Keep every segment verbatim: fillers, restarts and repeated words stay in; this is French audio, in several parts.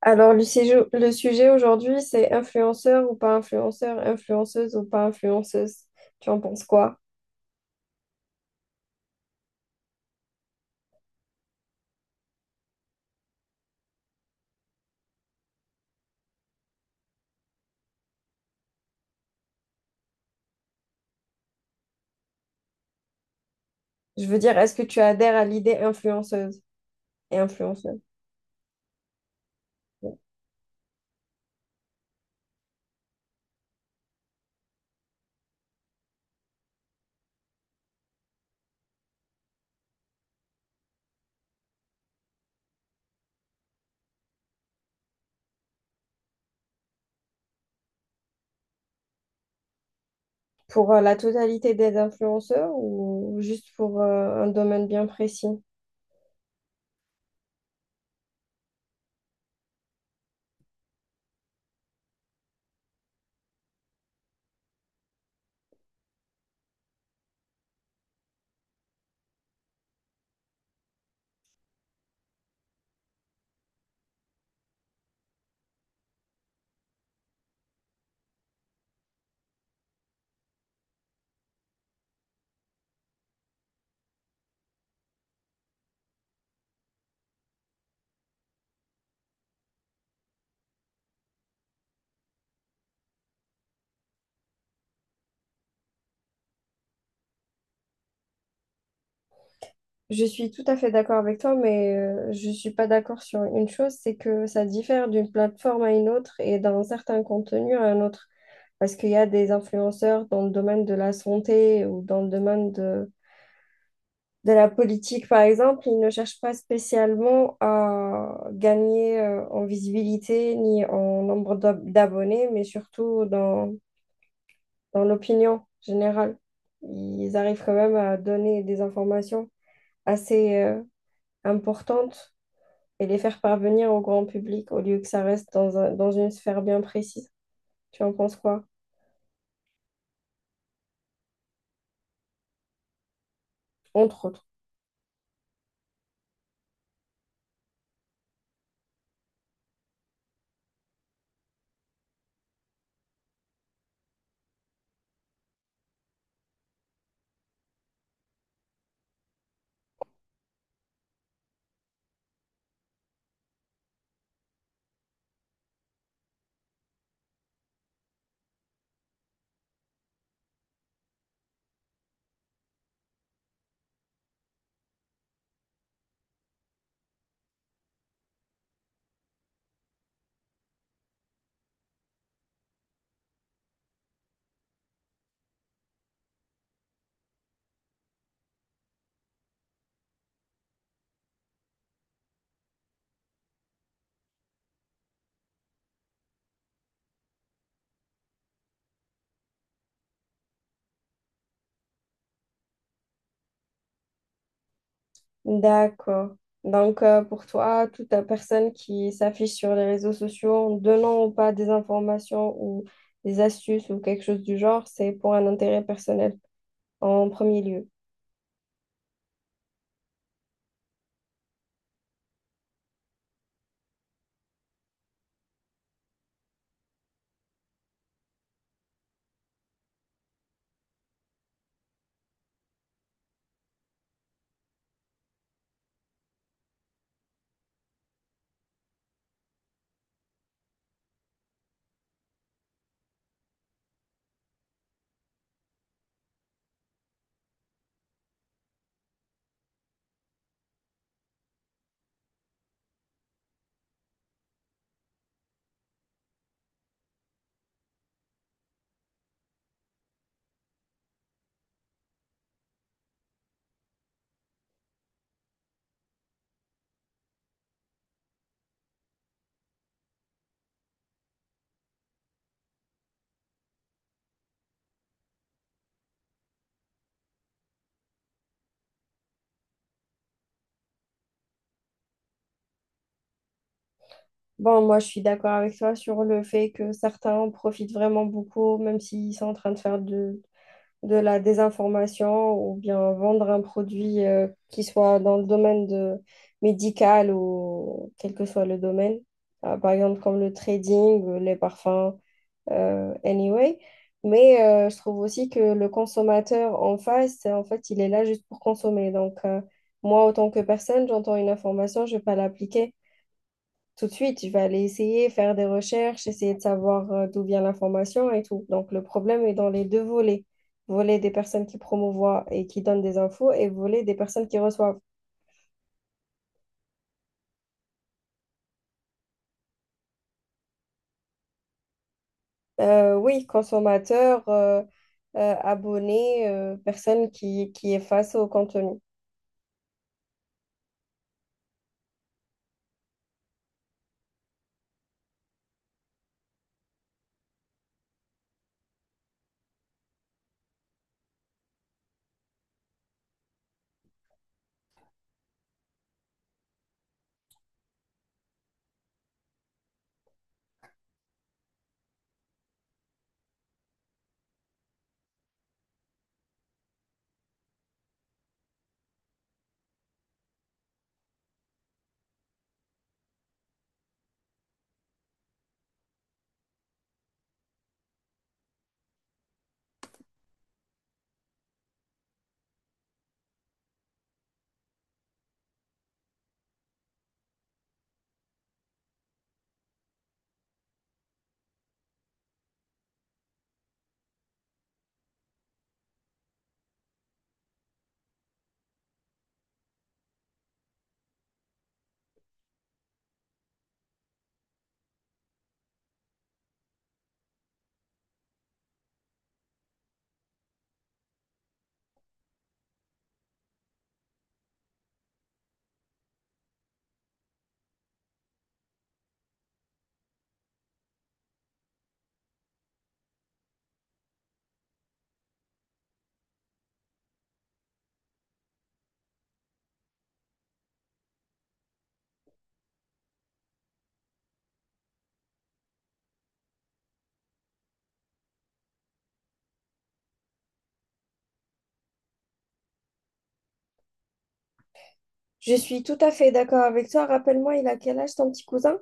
Alors, le sujet, le sujet aujourd'hui, c'est influenceur ou pas influenceur, influenceuse ou pas influenceuse. Tu en penses quoi? Je veux dire, est-ce que tu adhères à l'idée influenceuse? Et influenceuse. Ouais. Pour euh, la totalité des influenceurs ou juste pour euh, un domaine bien précis? Je suis tout à fait d'accord avec toi, mais euh, je ne suis pas d'accord sur une chose, c'est que ça diffère d'une plateforme à une autre et d'un certain contenu à un autre. Parce qu'il y a des influenceurs dans le domaine de la santé ou dans le domaine de, de la politique, par exemple, ils ne cherchent pas spécialement à gagner euh, en visibilité ni en nombre d'ab- d'abonnés, mais surtout dans, dans l'opinion générale. Ils arrivent quand même à donner des informations assez euh, importantes et les faire parvenir au grand public au lieu que ça reste dans un- dans une sphère bien précise. Tu en penses quoi? Entre autres. D'accord. Donc, euh, pour toi, toute euh, personne qui s'affiche sur les réseaux sociaux en donnant ou pas des informations ou des astuces ou quelque chose du genre, c'est pour un intérêt personnel en premier lieu. Bon, moi, je suis d'accord avec toi sur le fait que certains en profitent vraiment beaucoup, même s'ils sont en train de faire de, de la désinformation ou bien vendre un produit euh, qui soit dans le domaine de médical ou quel que soit le domaine. Euh, par exemple, comme le trading, euh, les parfums. euh, anyway. Mais euh, je trouve aussi que le consommateur en face, en fait, il est là juste pour consommer. Donc, euh, moi, autant que personne, j'entends une information, je ne vais pas l'appliquer tout de suite. Je vais aller essayer, faire des recherches, essayer de savoir euh, d'où vient l'information et tout. Donc, le problème est dans les deux volets. Volet des personnes qui promouvoient et qui donnent des infos et volet des personnes qui reçoivent. Euh, oui, consommateur, euh, euh, abonné, euh, personne qui, qui est face au contenu. Je suis tout à fait d'accord avec toi. Rappelle-moi, il a quel âge ton petit cousin?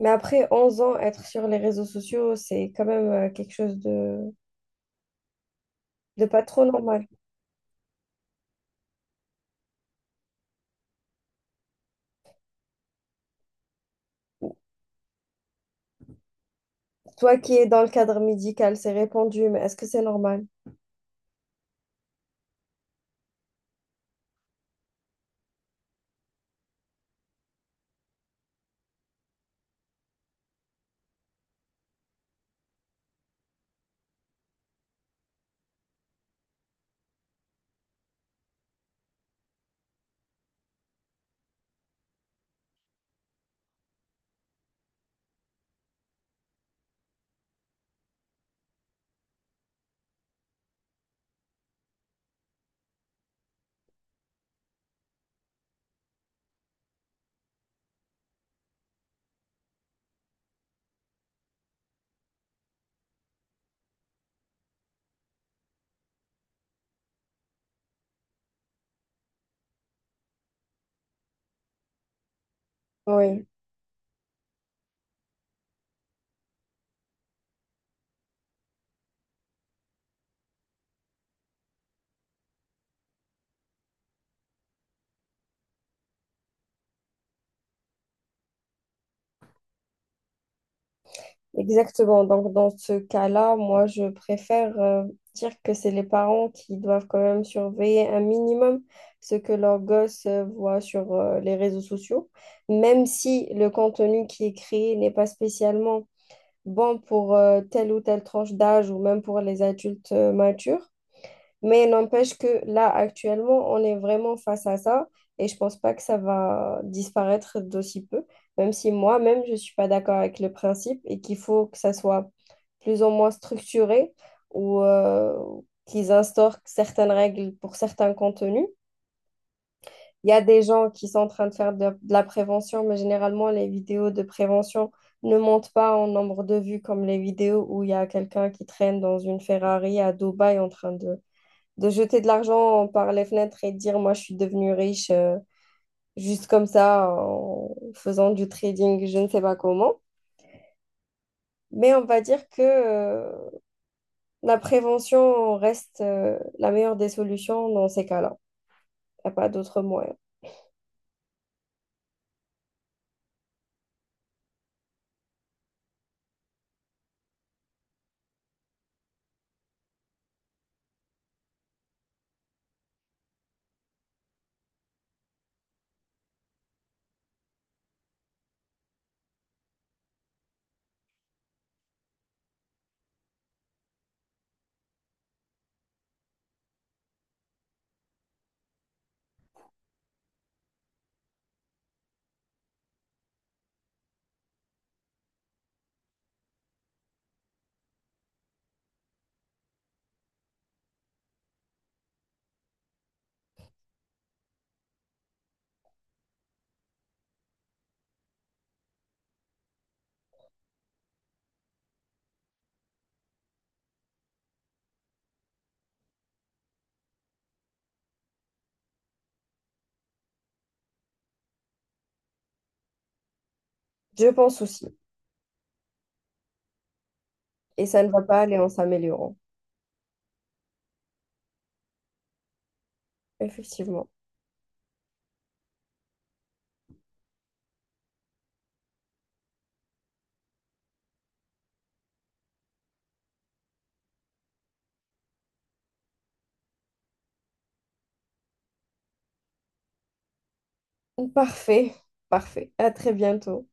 Mais après onze ans, être sur les réseaux sociaux, c'est quand même euh, quelque chose de, de pas trop normal. Toi qui es dans le cadre médical, c'est répandu, mais est-ce que c'est normal? Oui. Exactement. Donc, dans ce cas-là, moi, je préfère euh, dire que c'est les parents qui doivent quand même surveiller un minimum ce que leurs gosses euh, voient sur euh, les réseaux sociaux, même si le contenu qui est créé n'est pas spécialement bon pour euh, telle ou telle tranche d'âge ou même pour les adultes euh, matures. Mais n'empêche que là, actuellement, on est vraiment face à ça et je pense pas que ça va disparaître d'aussi peu, même si moi-même, je suis pas d'accord avec le principe et qu'il faut que ça soit plus ou moins structuré ou euh, qu'ils instaurent certaines règles pour certains contenus. Il y a des gens qui sont en train de faire de, de la prévention, mais généralement, les vidéos de prévention ne montent pas en nombre de vues comme les vidéos où il y a quelqu'un qui traîne dans une Ferrari à Dubaï en train de de jeter de l'argent par les fenêtres et de dire, moi, je suis devenue riche euh, juste comme ça en faisant du trading, je ne sais pas comment. Mais on va dire que euh, la prévention reste euh, la meilleure des solutions dans ces cas-là. Il n'y a pas d'autre moyen. Je pense aussi. Et ça ne va pas aller en s'améliorant. Effectivement. Parfait, parfait. À très bientôt.